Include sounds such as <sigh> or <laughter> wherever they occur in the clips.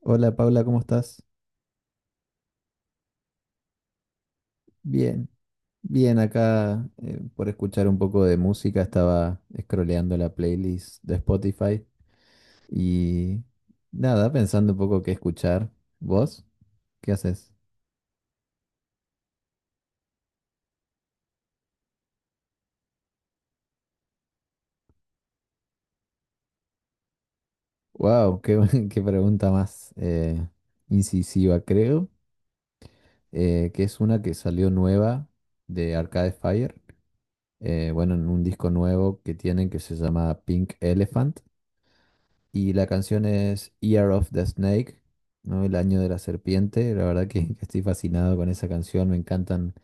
Hola Paula, ¿cómo estás? Bien, bien acá por escuchar un poco de música, estaba scrolleando la playlist de Spotify y nada, pensando un poco qué escuchar. ¿Vos? ¿Qué haces? Wow, <laughs> qué pregunta más incisiva, creo, que es una que salió nueva de Arcade Fire, bueno, en un disco nuevo que tienen que se llama Pink Elephant. Y la canción es Year of the Snake, ¿no? El año de la serpiente. La verdad <laughs> que estoy fascinado con esa canción. Me encantan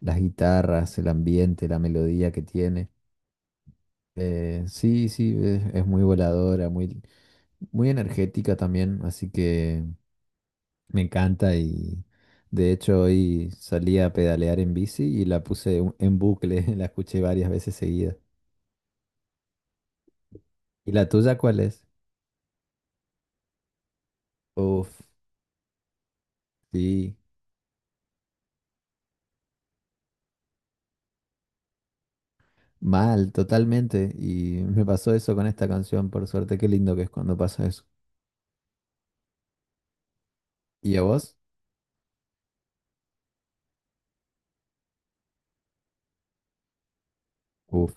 las guitarras, el ambiente, la melodía que tiene. Sí, sí, es muy voladora, muy, muy energética también. Así que me encanta y de hecho hoy salí a pedalear en bici y la puse en bucle. <laughs> La escuché varias veces seguidas. ¿Y la tuya cuál es? Uf, sí. Mal, totalmente. Y me pasó eso con esta canción, por suerte. Qué lindo que es cuando pasa eso. ¿Y a vos? Uf.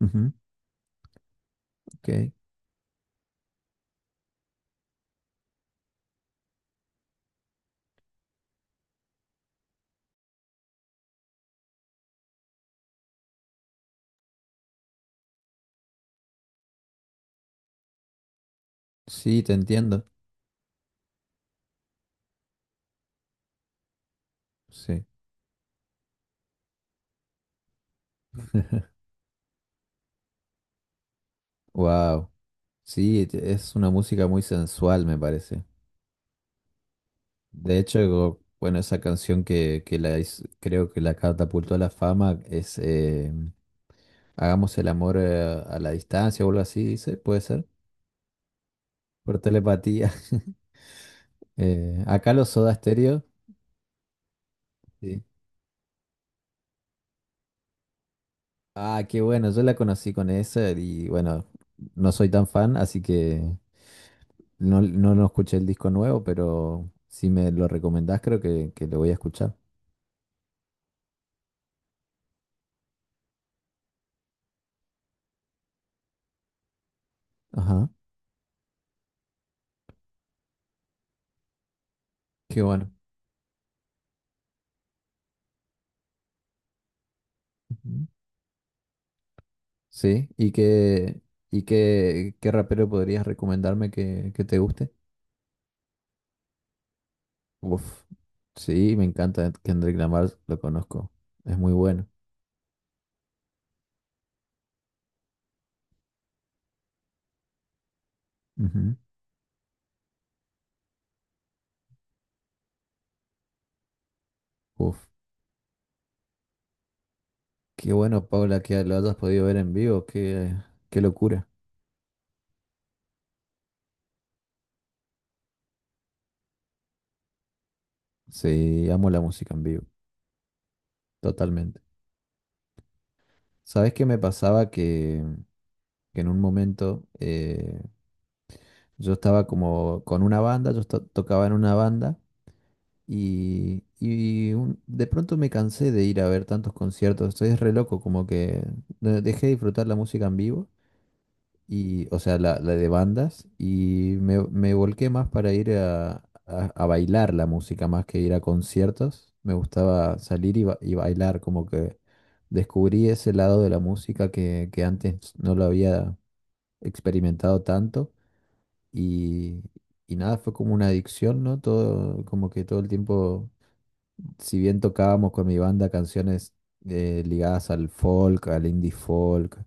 Ujú. Ok. Sí, te entiendo. Sí. <laughs> Wow. Sí, es una música muy sensual, me parece. De hecho, bueno, esa canción que creo que la catapultó a la fama es Hagamos el amor a la distancia o algo así, dice, puede ser, por telepatía. <laughs> Acá los Soda Stereo. Sí. Ah, qué bueno, yo la conocí con esa y bueno, no soy tan fan, así que no, no, no escuché el disco nuevo, pero si me lo recomendás creo que lo voy a escuchar. Ajá, qué bueno. Ujú. Sí, ¿y qué rapero podrías recomendarme que te guste? Uf, sí, me encanta Kendrick Lamar, lo conozco, es muy bueno. Ujú. Uf, qué bueno, Paula, que lo hayas podido ver en vivo, qué locura. Sí, amo la música en vivo, totalmente. ¿Sabés qué me pasaba? Que en un momento yo estaba como con una banda, tocaba en una banda y de pronto me cansé de ir a ver tantos conciertos. Estoy es re loco, como que dejé de disfrutar la música en vivo, y, o sea, la, de bandas, y me volqué más para ir a, a bailar la música más que ir a conciertos. Me gustaba salir y bailar, como que descubrí ese lado de la música que antes no lo había experimentado tanto y, y nada, fue como una adicción, ¿no? Todo, como que todo el tiempo, si bien tocábamos con mi banda canciones ligadas al folk, al indie folk,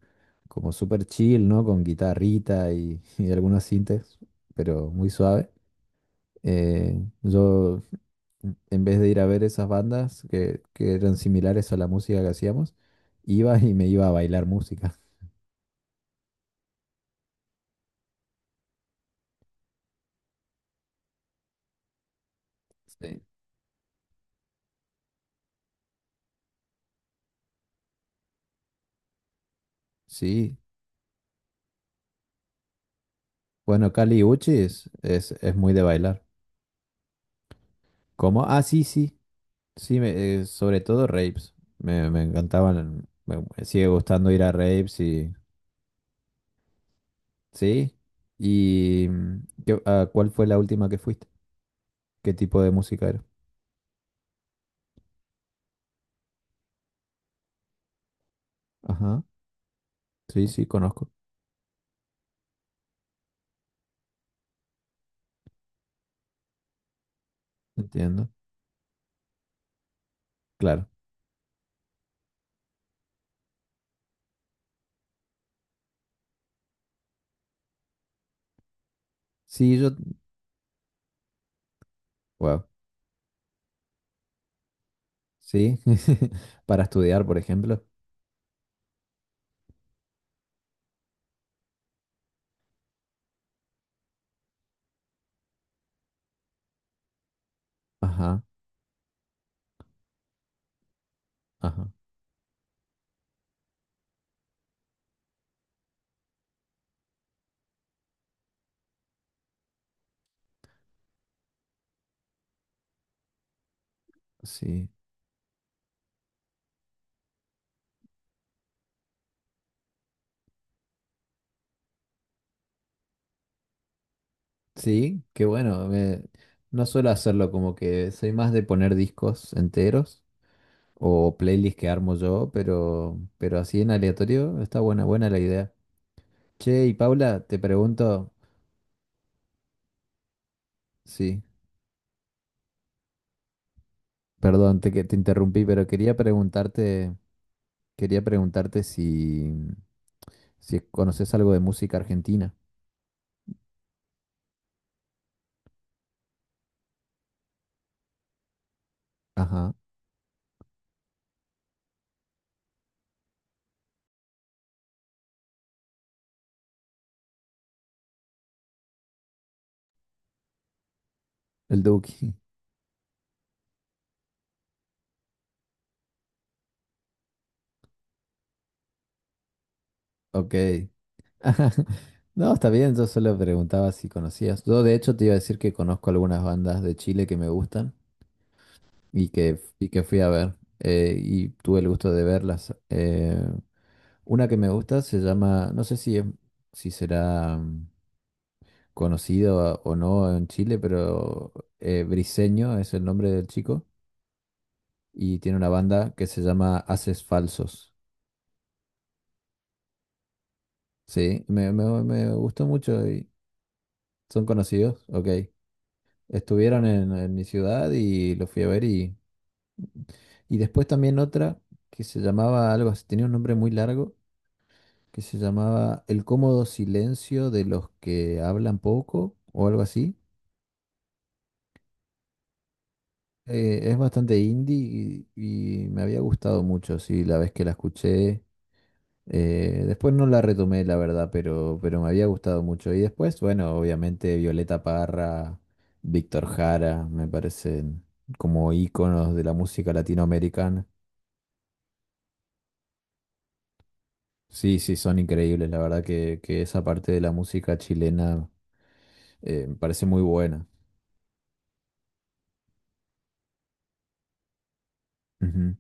como súper chill, ¿no? Con guitarrita y, <laughs> y algunos sintes, pero muy suave. Yo, en vez de ir a ver esas bandas que eran similares a la música que hacíamos, iba y me iba a bailar música. Sí. Sí, bueno, Kali Uchis es, es muy de bailar. ¿Cómo? Ah, sí, sí. Sí, sobre todo raves. Me encantaban. Me sigue gustando ir a raves y. Sí. ¿Y a cuál fue la última que fuiste? ¿Qué tipo de música era? Ajá. Sí, sí, conozco. Entiendo. Claro. Sí, yo. Wow. Sí. <laughs> Para estudiar, por ejemplo. Ajá. Ajá. Sí. Sí, qué bueno. No suelo hacerlo, como que soy más de poner discos enteros. O playlist que armo yo, pero así en aleatorio está buena, buena la idea. Che, y Paula, te pregunto, sí, perdón, que te interrumpí, pero quería preguntarte si conoces algo de música argentina. Ajá, el Duki. <laughs> Ok. No, está bien, yo solo preguntaba si conocías. Yo de hecho te iba a decir que conozco algunas bandas de Chile que me gustan y que fui a ver y tuve el gusto de verlas. Una que me gusta se llama, no sé si será conocido o no en Chile, pero Briseño es el nombre del chico y tiene una banda que se llama Haces Falsos. Sí, me gustó mucho y son conocidos, ok. Estuvieron en mi ciudad y los fui a ver y después también otra que se llamaba algo así, tenía un nombre muy largo, que se llamaba El cómodo silencio de los que hablan poco o algo así. Es bastante indie y me había gustado mucho, sí, la vez que la escuché. Después no la retomé, la verdad, pero me había gustado mucho. Y después, bueno, obviamente Violeta Parra, Víctor Jara, me parecen como íconos de la música latinoamericana. Sí, sí, son increíbles. La verdad que esa parte de la música chilena me parece muy buena. Ujú.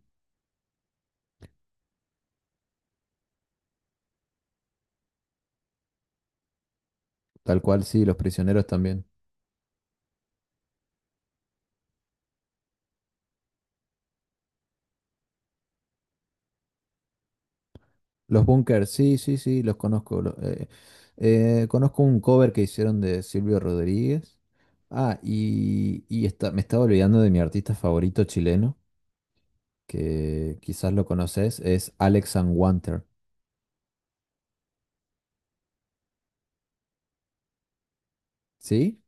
Tal cual, sí, Los Prisioneros también. Los Bunkers, sí, sí, sí, los conozco. Conozco un cover que hicieron de Silvio Rodríguez. Ah, y me estaba olvidando de mi artista favorito chileno, que quizás lo conoces, es Alex Wanter. ¿Sí?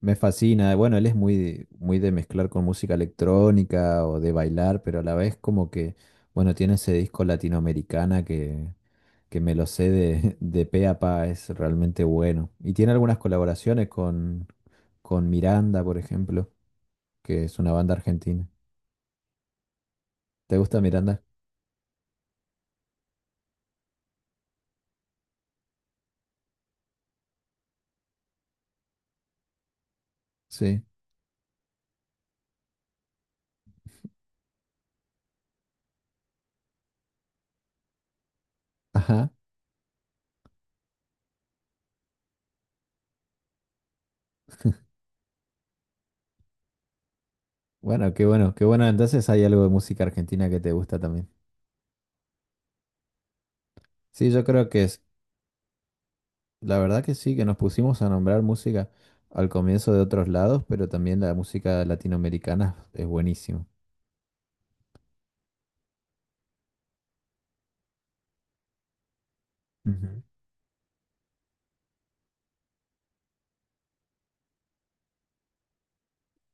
Me fascina. Bueno, él es muy, muy de mezclar con música electrónica o de bailar, pero a la vez como que, bueno, tiene ese disco latinoamericana que me lo sé de, <laughs> de pe a pa, es realmente bueno. Y tiene algunas colaboraciones con Miranda, por ejemplo, que es una banda argentina. ¿Te gusta Miranda? Sí. Ajá. Bueno, qué bueno, qué bueno. Entonces hay algo de música argentina que te gusta también. Sí, yo creo que es, la verdad que sí, que nos pusimos a nombrar música al comienzo de otros lados, pero también la música latinoamericana es buenísima. Ujú.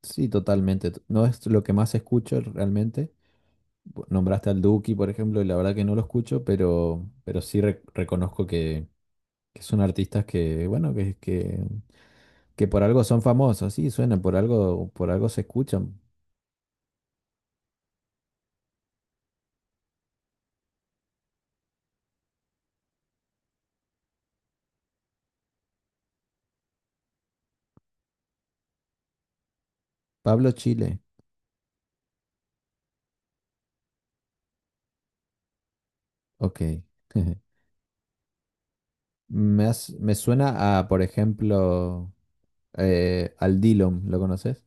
Sí, totalmente. No es lo que más escucho realmente. Nombraste al Duki, por ejemplo, y la verdad que no lo escucho, pero sí reconozco que son artistas que, bueno, que por algo son famosos. Sí, suenan, por algo se escuchan. Pablo Chile, ok. <laughs> Me suena a, por ejemplo, al Dillom, ¿lo conoces?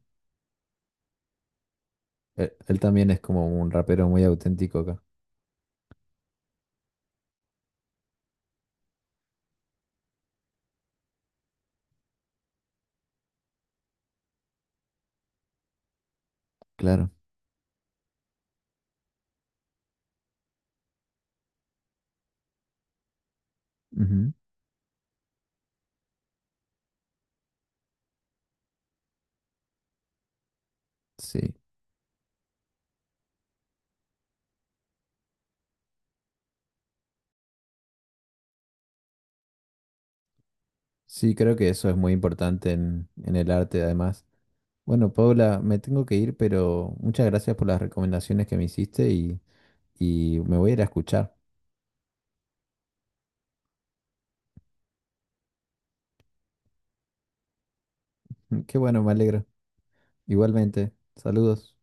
Él también es como un rapero muy auténtico acá. Claro. Ujú. Sí. Sí, creo que eso es muy importante en el arte, además. Bueno, Paula, me tengo que ir, pero muchas gracias por las recomendaciones que me hiciste y me voy a ir a escuchar. Qué bueno, me alegro. Igualmente, saludos.